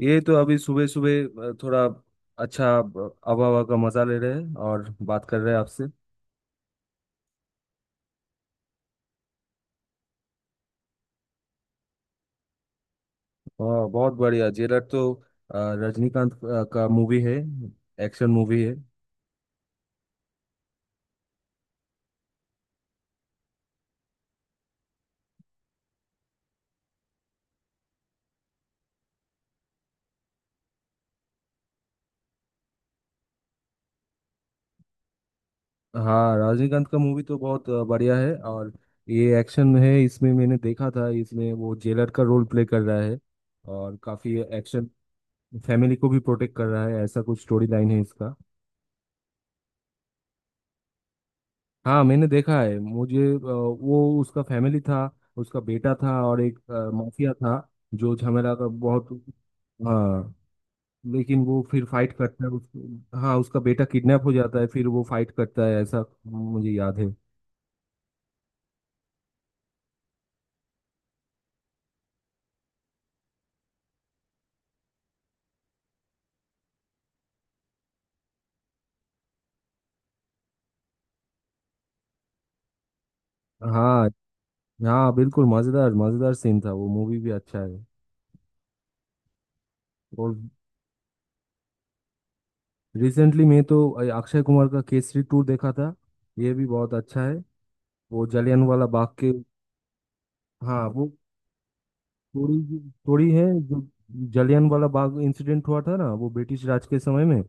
ये तो अभी सुबह सुबह थोड़ा अच्छा हवा हवा का मजा ले रहे हैं और बात कर रहे हैं आपसे। और बहुत बढ़िया। जेलर तो रजनीकांत का मूवी है। एक्शन मूवी है। हाँ, रजनीकांत का मूवी तो बहुत बढ़िया है। और ये एक्शन है। इसमें मैंने देखा था, इसमें वो जेलर का रोल प्ले कर रहा है और काफी एक्शन फैमिली को भी प्रोटेक्ट कर रहा है। ऐसा कुछ स्टोरी लाइन है इसका। हाँ, मैंने देखा है। मुझे वो उसका फैमिली था, उसका बेटा था, और एक माफिया था जो झमेला का बहुत। हाँ। लेकिन वो फिर फाइट करता है उसको। हाँ, उसका बेटा किडनैप हो जाता है, फिर वो फाइट करता है, ऐसा मुझे याद है। हाँ। हाँ, बिल्कुल। मज़ेदार मज़ेदार सीन था वो। मूवी भी अच्छा है। और रिसेंटली मैं तो अक्षय कुमार का केसरी टू देखा था। ये भी बहुत अच्छा है। वो जलियांवाला बाग के। हाँ, वो थोड़ी थोड़ी है जो जलियांवाला बाग इंसिडेंट हुआ था ना, वो ब्रिटिश राज के समय में।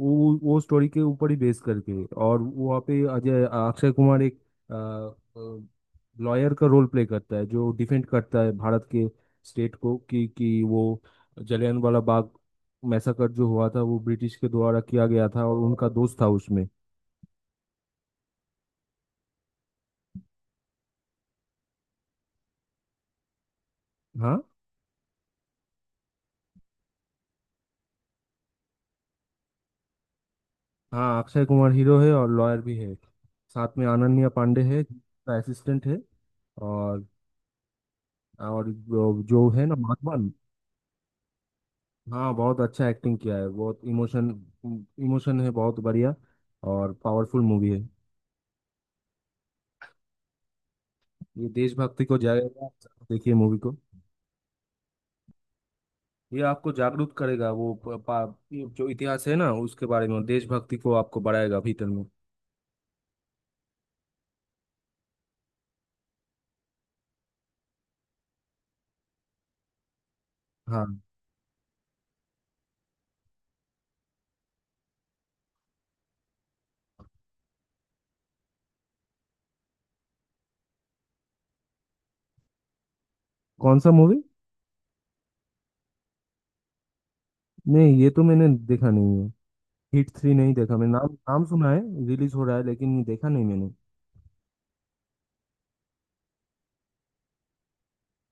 वो स्टोरी के ऊपर ही बेस करके, और वहाँ पे अजय अक्षय कुमार एक लॉयर का रोल प्ले करता है, जो डिफेंड करता है भारत के स्टेट को कि वो जलियांवाला बाग मैसाकर जो हुआ था, वो ब्रिटिश के द्वारा किया गया था, और उनका दोस्त था उसमें। हाँ। हाँ, अक्षय कुमार हीरो है और लॉयर भी है। साथ में अनन्या पांडे है, असिस्टेंट है। और और जो जो है ना, माधवन। हाँ, बहुत अच्छा एक्टिंग किया है। बहुत इमोशन इमोशन है, बहुत बढ़िया। और पावरफुल मूवी है। ये देशभक्ति को जाएगा। देखिए मूवी को। ये आपको जागरूक करेगा वो ये जो इतिहास है ना उसके बारे में। देशभक्ति को आपको बढ़ाएगा भीतर में। हाँ। कौन सा मूवी? नहीं, ये तो मैंने देखा नहीं है। हिट थ्री नहीं देखा मैंने। नाम नाम सुना है। रिलीज हो रहा है, लेकिन देखा नहीं मैंने।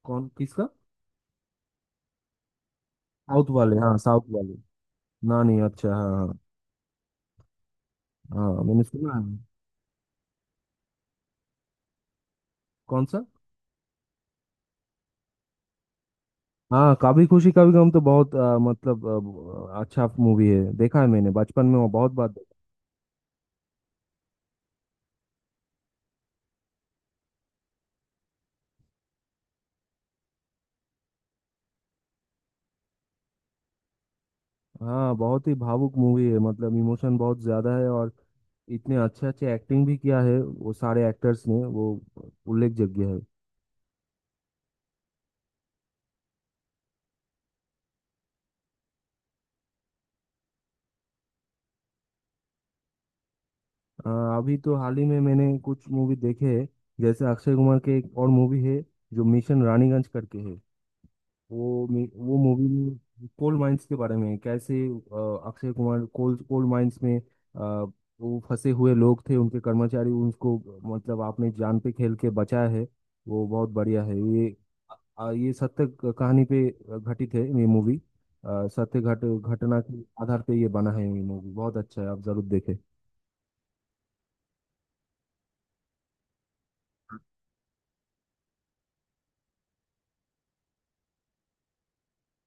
कौन किसका? साउथ वाले। हाँ, साउथ वाले। ना, नहीं। अच्छा, हाँ। हाँ। हाँ, मैंने सुना है। कौन सा? हाँ, कभी खुशी कभी गम तो बहुत मतलब अच्छा मूवी है। देखा है मैंने बचपन में, वो बहुत बार देखा। हाँ, बहुत ही भावुक मूवी है, मतलब इमोशन बहुत ज्यादा है। और इतने अच्छे अच्छे एक्टिंग भी किया है वो सारे एक्टर्स ने, वो उल्लेखযোग्य है। अ, अभी तो हाल ही में मैंने कुछ मूवी देखे हैं, जैसे अक्षय कुमार के एक और मूवी है जो मिशन रानीगंज करके है। वो वो मूवी कोल माइंस के बारे में है। कैसे Akshay Kumar coal coal mines में वो फंसे हुए लोग थे, उनके कर्मचारी, उनको मतलब आपने जान पे खेल के बचाया है। वो बहुत बढ़िया है ये। ये सत्य कहानी पे घटित है ये मूवी। सत्य घट घटना के आधार पे ये बना है। ये मूवी बहुत अच्छा है, आप जरूर देखें।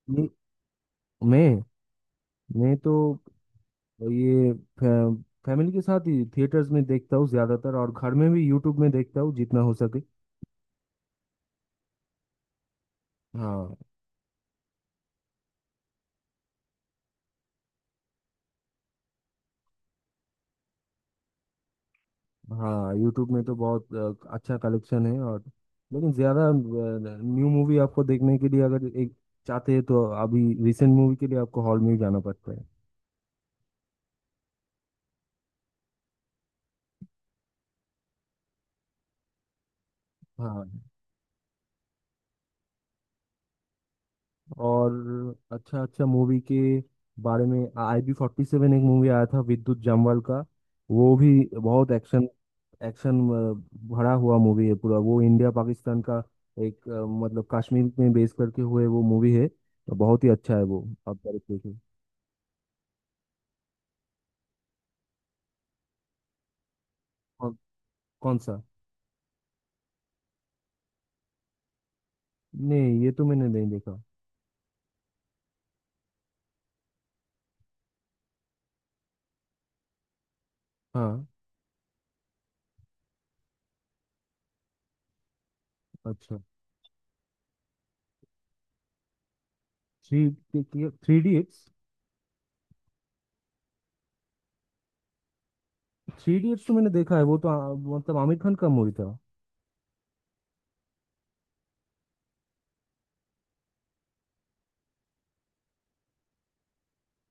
मैं मैं मैं तो ये फै, फैमिली के साथ ही थिएटर्स में देखता हूँ ज्यादातर, और घर में भी यूट्यूब में देखता हूँ जितना हो सके। हाँ। हाँ, यूट्यूब में तो बहुत अच्छा कलेक्शन है। और लेकिन ज़्यादा न्यू मूवी आपको देखने के लिए अगर एक चाहते हैं, तो अभी रिसेंट मूवी के लिए आपको हॉल में ही जाना पड़ता है। हाँ। और अच्छा अच्छा मूवी के बारे में, IB 47 एक मूवी आया था, विद्युत जामवाल का। वो भी बहुत एक्शन, एक्शन भरा हुआ मूवी है पूरा। वो इंडिया पाकिस्तान का एक मतलब कश्मीर में बेस करके हुए वो मूवी है। तो बहुत ही अच्छा है वो, आप जरूर देखिए। कौन कौन सा? नहीं, ये तो मैंने नहीं देखा। हाँ, अच्छा। Three three idiots. Three idiots तो मैंने देखा है, वो तो मतलब आमिर खान का मूवी था।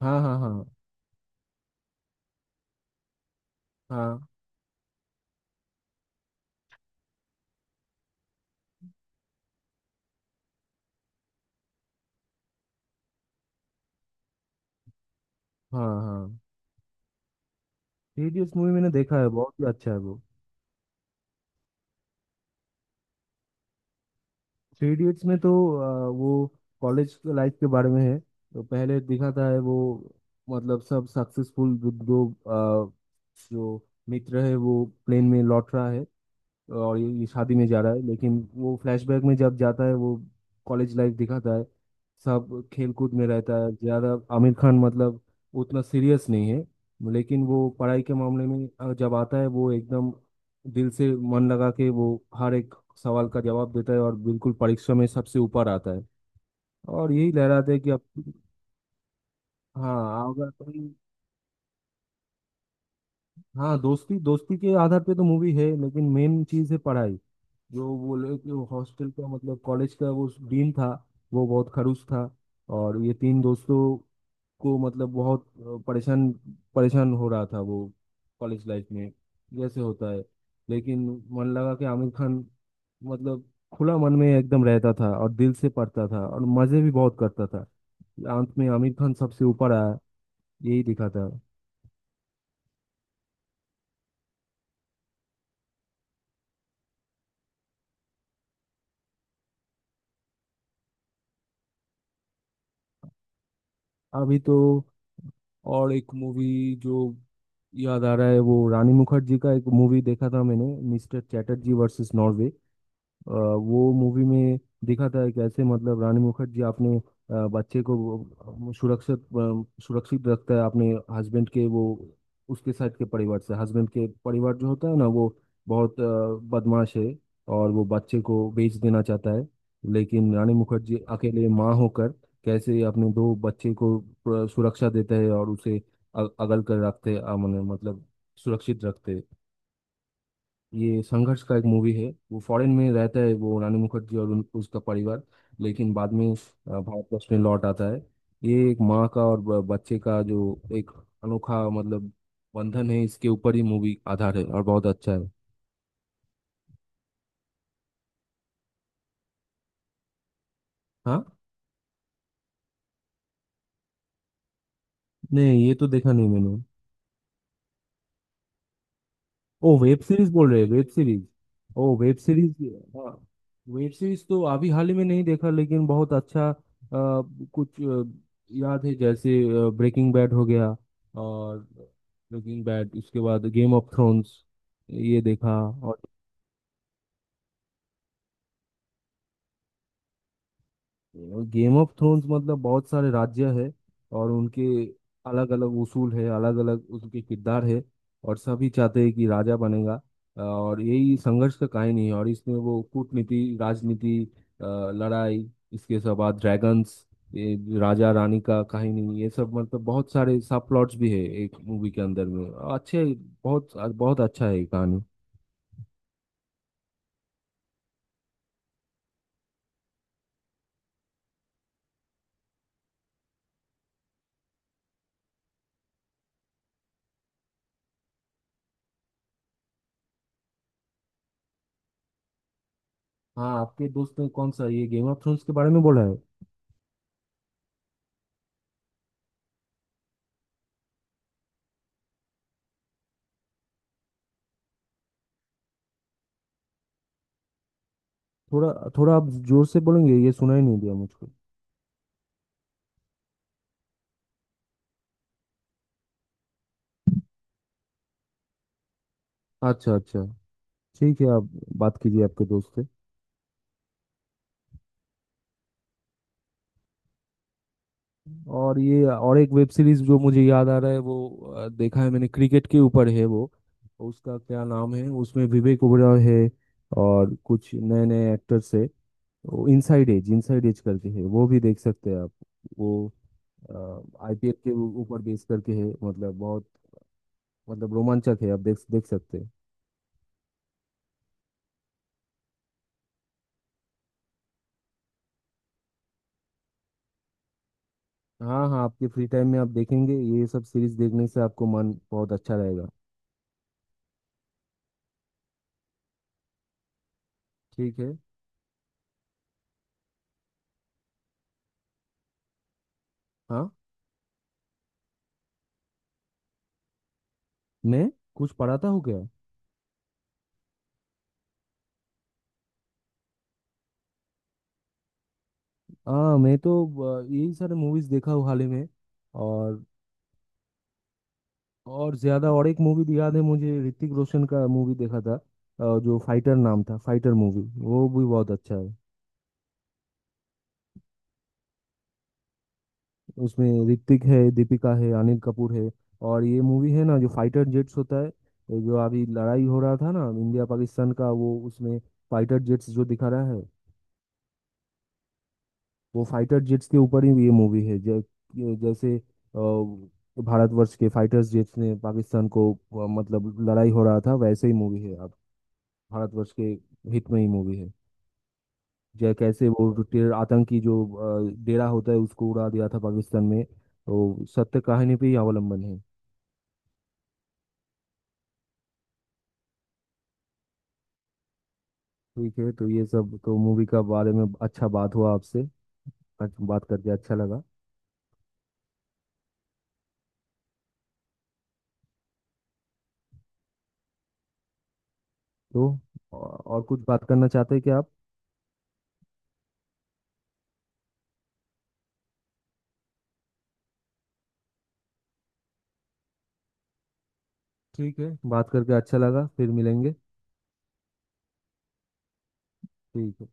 हाँ, हाँ, हाँ, हाँ, हाँ, हाँ। थ्री इडियट्स मूवी मैंने देखा है, बहुत ही अच्छा है वो। थ्री इडियट्स में तो वो कॉलेज लाइफ के बारे में है। तो पहले दिखाता है वो, मतलब सब सक्सेसफुल, जो आ, जो मित्र है वो प्लेन में लौट रहा है, और ये शादी में जा रहा है, लेकिन वो फ्लैशबैक में जब जाता है वो कॉलेज लाइफ दिखाता है। सब खेलकूद में रहता है ज़्यादा आमिर खान, मतलब उतना सीरियस नहीं है। लेकिन वो पढ़ाई के मामले में जब आता है, वो एकदम दिल से मन लगा के वो हर एक सवाल का जवाब देता है, और बिल्कुल परीक्षा में सबसे ऊपर आता है। और यही लहराता है कि अब। हाँ, अगर कोई। हाँ, दोस्ती दोस्ती के आधार पे तो मूवी है, लेकिन मेन चीज़ है पढ़ाई। जो वो लोग, जो हॉस्टल का मतलब कॉलेज का वो डीन था, वो बहुत खड़ूस था। और ये तीन दोस्तों को मतलब बहुत परेशान परेशान हो रहा था वो कॉलेज लाइफ में, जैसे होता है। लेकिन मन लगा कि आमिर खान, मतलब खुला मन में एकदम रहता था और दिल से पढ़ता था, और मज़े भी बहुत करता था। अंत में आमिर खान सबसे ऊपर आया, यही दिखा था। अभी तो और एक मूवी जो याद आ रहा है, वो रानी मुखर्जी का एक मूवी देखा था मैंने, मिस्टर चैटर्जी वर्सेस नॉर्वे। वो मूवी में दिखा था कैसे, मतलब रानी मुखर्जी अपने बच्चे को वो सुरक्षित रखता है अपने हस्बैंड के, वो उसके साइड के परिवार से। हस्बैंड के परिवार जो होता है ना, वो बहुत बदमाश है और वो बच्चे को बेच देना चाहता है। लेकिन रानी मुखर्जी अकेले माँ होकर कैसे अपने दो बच्चे को सुरक्षा देते हैं और उसे अगल कर रखते मतलब सुरक्षित रखते हैं। ये संघर्ष का एक मूवी है। वो फॉरेन में रहता है वो रानी मुखर्जी और उसका परिवार, लेकिन बाद में भारतवर्ष में लौट आता है। ये एक माँ का और बच्चे का जो एक अनोखा, मतलब बंधन है, इसके ऊपर ही मूवी आधार है और बहुत अच्छा है। हाँ। नहीं, ये तो देखा नहीं मैंने। ओ, वेब सीरीज बोल रहे हैं, वेब सीरीज। ओ, वेब सीरीज। हाँ, वेब सीरीज तो अभी हाल ही में नहीं देखा, लेकिन बहुत अच्छा कुछ याद है, जैसे ब्रेकिंग बैड हो गया। और ब्रेकिंग बैड, उसके बाद गेम ऑफ थ्रोन्स, ये देखा। और गेम ऑफ थ्रोन्स मतलब बहुत सारे राज्य है, और उनके अलग अलग उसूल है, अलग अलग उनके किरदार है। और सभी चाहते हैं कि राजा बनेगा, और यही संघर्ष का कहानी है। और इसमें वो कूटनीति, राजनीति, अ, लड़ाई, इसके सब बाद ड्रैगन्स, ये राजा रानी का कहानी, ये सब, मतलब बहुत सारे सब प्लॉट्स भी है एक मूवी के अंदर में। अच्छे, बहुत बहुत अच्छा है ये कहानी। हाँ, आपके दोस्त ने कौन सा, ये गेम ऑफ थ्रोन्स के बारे में बोला है? थोड़ा थोड़ा आप जोर से बोलेंगे, ये सुनाई नहीं दिया मुझको। अच्छा अच्छा। ठीक है, आप बात कीजिए आपके दोस्त से। और ये और एक वेब सीरीज जो मुझे याद आ रहा है, वो देखा है मैंने। क्रिकेट के ऊपर है वो, उसका क्या नाम है, उसमें विवेक ओबेरॉय है और कुछ नए नए एक्टर्स है। वो इनसाइड एज, इनसाइड एज करके है, वो भी देख सकते हैं आप। वो आईपीएल के ऊपर बेस करके है, मतलब बहुत मतलब रोमांचक है। आप देख देख सकते हैं। हाँ। हाँ, आपके फ्री टाइम में आप देखेंगे, ये सब सीरीज देखने से आपको मन बहुत अच्छा रहेगा। ठीक है। हाँ, मैं कुछ पढ़ाता हूँ क्या? हाँ, मैं तो यही सारे मूवीज देखा हूँ हाल ही में। और और ज्यादा और एक मूवी याद है मुझे। ऋतिक रोशन का मूवी देखा था जो फाइटर नाम था, फाइटर मूवी, वो भी बहुत अच्छा है। उसमें ऋतिक है, दीपिका है, अनिल कपूर है। और ये मूवी है ना, जो फाइटर जेट्स होता है, ये जो अभी लड़ाई हो रहा था ना, इंडिया पाकिस्तान का, वो उसमें फाइटर जेट्स जो दिखा रहा है, वो फाइटर जेट्स के ऊपर ही ये मूवी है। जैसे भारतवर्ष के फाइटर्स जेट्स ने पाकिस्तान को मतलब लड़ाई हो रहा था, वैसे ही मूवी है। अब भारतवर्ष के हित में ही मूवी है। जै कैसे वो आतंकी जो डेरा होता है उसको उड़ा दिया था पाकिस्तान में, तो सत्य कहानी पे ही अवलंबन है। ठीक है, तो ये सब तो मूवी का बारे में अच्छा बात हुआ आपसे। आज बात करके अच्छा लगा। तो और कुछ बात करना चाहते हैं क्या आप? ठीक है, बात करके अच्छा लगा, फिर मिलेंगे। ठीक है।